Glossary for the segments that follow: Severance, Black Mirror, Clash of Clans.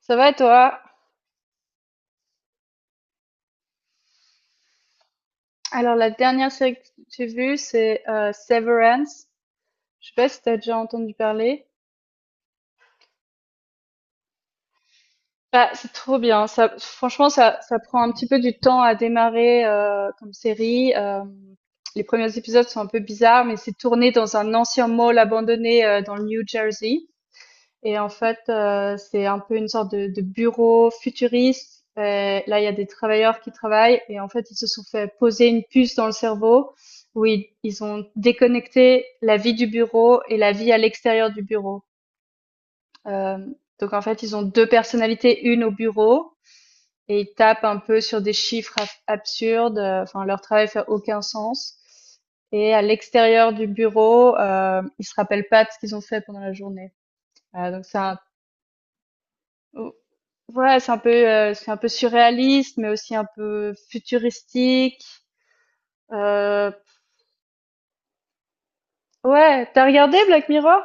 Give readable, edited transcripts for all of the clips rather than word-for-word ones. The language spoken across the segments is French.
Ça va et toi? Alors, la dernière série que j'ai vue, c'est Severance. Je sais pas si t'as déjà entendu parler. Bah, c'est trop bien. Ça, franchement, ça prend un petit peu du temps à démarrer comme série. Les premiers épisodes sont un peu bizarres, mais c'est tourné dans un ancien mall abandonné dans le New Jersey. Et en fait, c'est un peu une sorte de bureau futuriste et là, il y a des travailleurs qui travaillent et en fait, ils se sont fait poser une puce dans le cerveau où ils ont déconnecté la vie du bureau et la vie à l'extérieur du bureau. Hem, donc en fait, ils ont 2 personnalités, une au bureau et ils tapent un peu sur des chiffres ab absurdes, enfin leur travail fait aucun sens et à l'extérieur du bureau, ils se rappellent pas de ce qu'ils ont fait pendant la journée. Voilà, donc c'est un... Ouais, c'est un peu surréaliste, mais aussi un peu futuristique, heu, ouais. T'as regardé Black Mirror?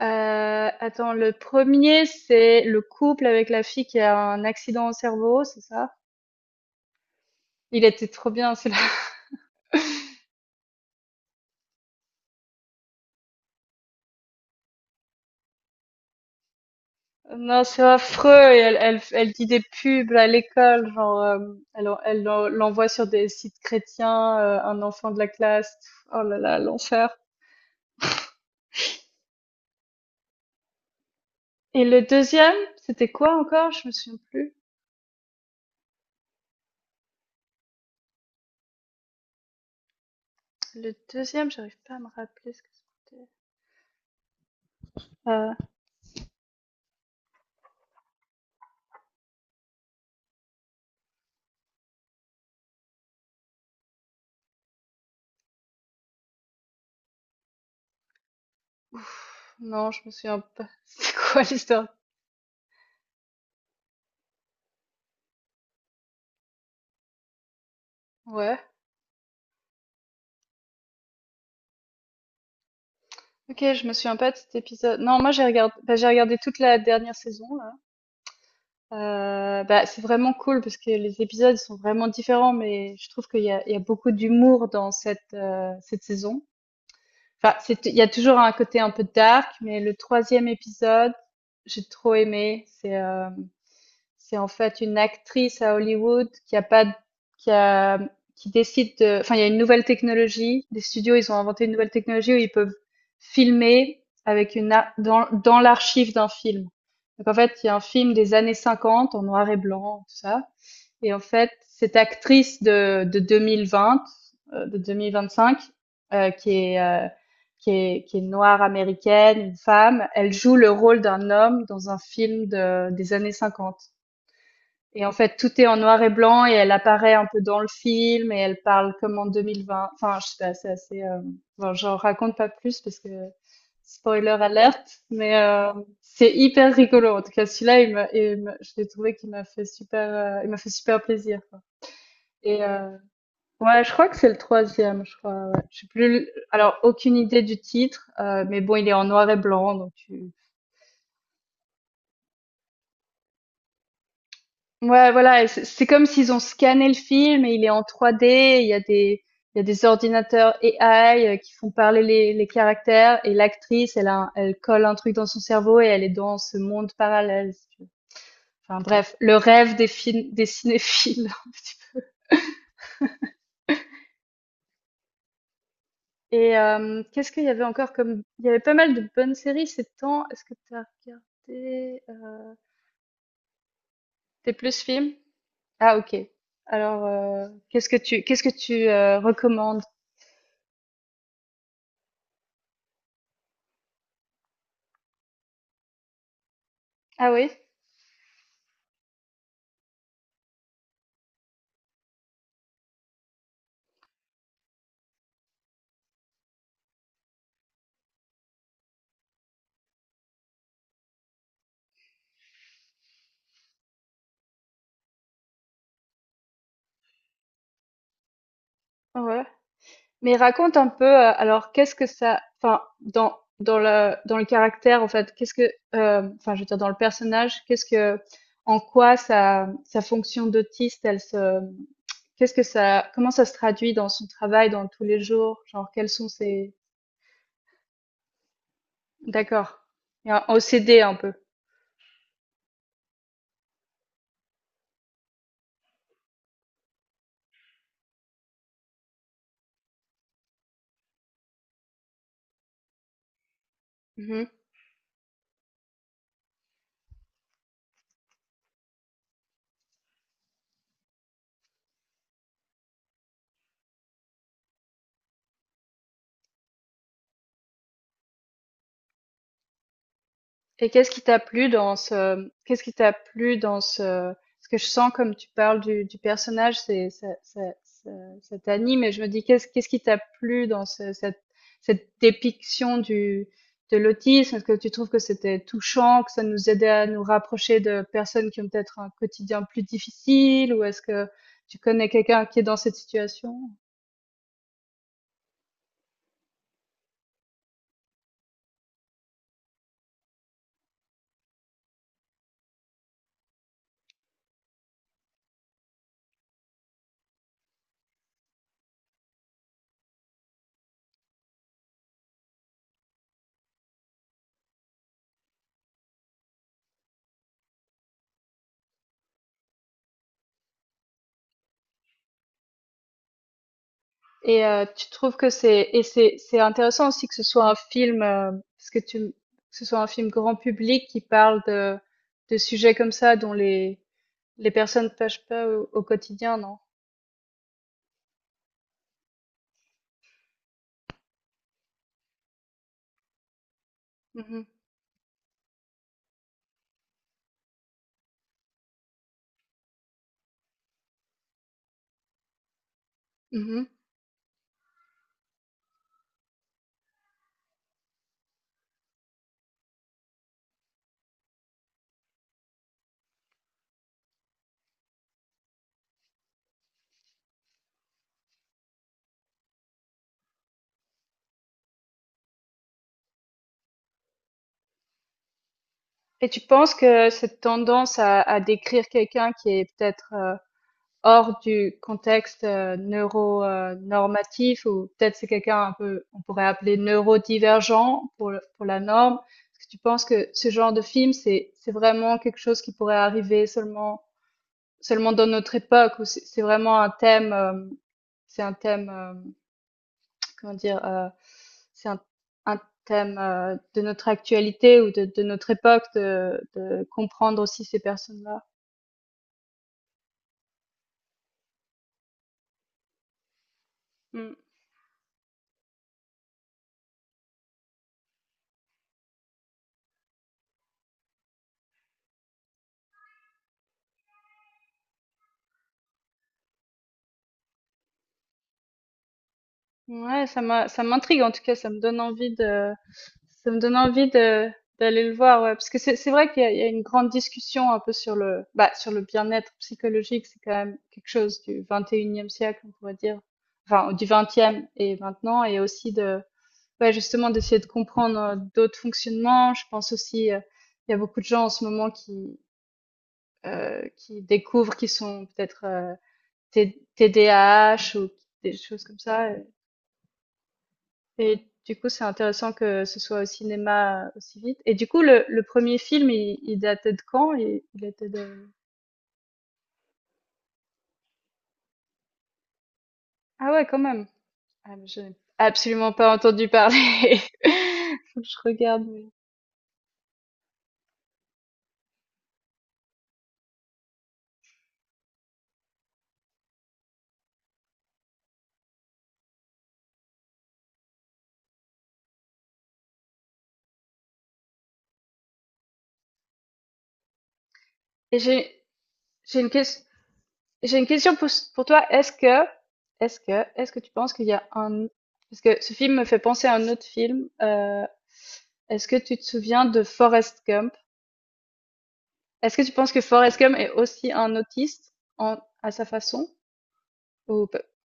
Heu, Attends, le premier c'est le couple avec la fille qui a un accident au cerveau, c'est ça? Il était trop bien celui-là. Non, c'est affreux et elle dit des pubs à l'école, genre, elle l'envoie sur des sites chrétiens, un enfant de la classe. Oh là là, l'enfer. Et le deuxième c'était quoi encore? Je me souviens plus. Le deuxième, j'arrive pas à me rappeler ce que c'était. Euh, non, je me souviens pas. C'est quoi l'histoire? Ouais. Ok, je me souviens pas de cet épisode. Non, moi j'ai regardé, bah, j'ai regardé toute la dernière saison là. Bah, c'est vraiment cool parce que les épisodes ils sont vraiment différents, mais je trouve qu'il y a beaucoup d'humour dans cette saison. Enfin, c'est, il y a toujours un côté un peu dark, mais le troisième épisode, j'ai trop aimé. C'est en fait une actrice à Hollywood qui a pas, d- qui a, qui décide de, enfin, il y a une nouvelle technologie. Les studios, ils ont inventé une nouvelle technologie où ils peuvent filmer avec dans l'archive d'un film. Donc, en fait, il y a un film des années 50 en noir et blanc, tout ça. Et en fait, cette actrice de 2020, de 2025, euh, qui est, euh, qui est noire américaine, une femme, elle joue le rôle d'un homme dans un film des années 50. Et en fait, tout est en noir et blanc et elle apparaît un peu dans le film et elle parle comme en 2020. Enfin, je sais pas, c'est assez. Bon, j'en raconte pas plus parce que spoiler alerte, mais c'est hyper rigolo. En tout cas, celui-là, je l'ai trouvé qu'il m'a fait super plaisir, quoi. Et ouais, je crois que c'est le troisième, je crois. Ouais. Je sais plus. Alors, aucune idée du titre, mais bon, il est en noir et blanc, donc tu... Ouais, voilà, et c'est comme s'ils ont scanné le film et il est en 3D, il y a des ordinateurs AI qui font parler les caractères et l'actrice, elle colle un truc dans son cerveau et elle est dans ce monde parallèle, si tu veux. Enfin bref, le rêve des films des cinéphiles. Un petit peu. Et qu'est-ce qu'il y avait encore comme il y avait pas mal de bonnes séries ces temps. Est-ce que tu as regardé T'es plus film? Ah OK. Alors qu'est-ce que tu recommandes? Ah oui? Ouais. Mais raconte un peu, alors qu'est-ce que ça, enfin dans le caractère en fait, qu'est-ce que, enfin je veux dire dans le personnage, qu'est-ce que, en quoi sa fonction d'autiste, elle se, qu'est-ce que ça, comment ça se traduit dans son travail, dans tous les jours, genre quels sont ses... D'accord. Il y a un OCD un peu. Et qu'est-ce qui t'a plu dans ce, ce que je sens comme tu parles du personnage, c'est, ça t'anime et je me dis qu'est-ce qui t'a plu dans cette dépiction de l'autisme? Est-ce que tu trouves que c'était touchant, que ça nous aidait à nous rapprocher de personnes qui ont peut-être un quotidien plus difficile ou est-ce que tu connais quelqu'un qui est dans cette situation? Et tu trouves que c'est et c'est c'est intéressant aussi que ce soit un film, parce que tu que ce soit un film grand public qui parle de sujets comme ça dont les personnes pêchent pas au quotidien, non? Mmh mh. Mmh. Et tu penses que cette tendance à décrire quelqu'un qui est peut-être, hors du contexte neuro normatif ou peut-être c'est quelqu'un un peu on pourrait appeler neurodivergent pour la norme. Est-ce que tu penses que ce genre de film c'est vraiment quelque chose qui pourrait arriver seulement dans notre époque ou c'est vraiment un thème c'est un thème comment dire c'est un thème de notre actualité ou de notre époque de comprendre aussi ces personnes-là. Mm. Ouais, ça m'intrigue en tout cas, ça me donne envie de... Ça me donne envie de d'aller le voir, ouais, parce que c'est vrai qu'il y a une grande discussion un peu sur le bah, sur le bien-être psychologique, c'est quand même quelque chose du 21e siècle, on pourrait dire, enfin du 20e et maintenant, et aussi de ouais, justement d'essayer de comprendre d'autres fonctionnements. Je pense aussi, il y a beaucoup de gens en ce moment qui découvrent qu'ils sont peut-être TDAH ou des choses comme ça. Et du coup, c'est intéressant que ce soit au cinéma, aussi vite. Et du coup, le 1er film, il datait de quand? Il était de... Ah ouais, quand même! Ah mais je n'ai absolument pas entendu parler. Faut que je regarde, mais et j'ai une ques j'ai une question pour toi. Est-ce que est-ce que tu penses qu'il y a un... Parce que ce film me fait penser à un autre film, est-ce que tu te souviens de Forrest Gump? Est-ce que tu penses que Forrest Gump est aussi un autiste en à sa façon? Ou ou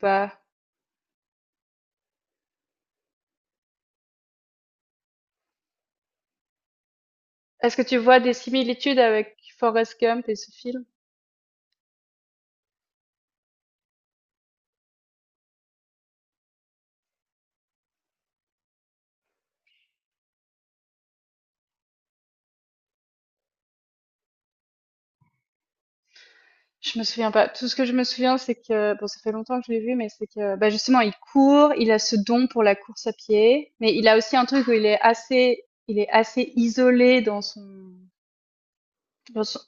pas? Est-ce que tu vois des similitudes avec Forrest Gump et ce film? Je me souviens pas. Tout ce que je me souviens, c'est que, bon, ça fait longtemps que je l'ai vu, mais c'est que, bah, justement, il court, il a ce don pour la course à pied, mais il a aussi un truc où il est assez isolé dans son, dans son...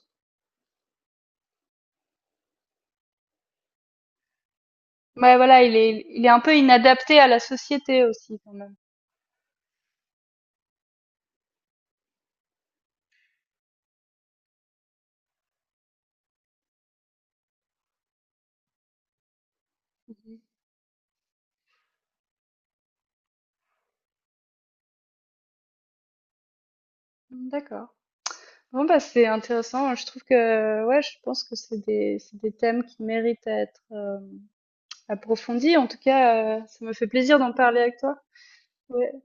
Ouais, voilà, il est un peu inadapté à la société aussi, quand même. Mhm. D'accord. Bon, bah, c'est intéressant. Je trouve que, ouais, je pense que c'est des thèmes qui méritent à être, approfondie. En tout cas, ça me fait plaisir d'en parler avec toi. Ouais.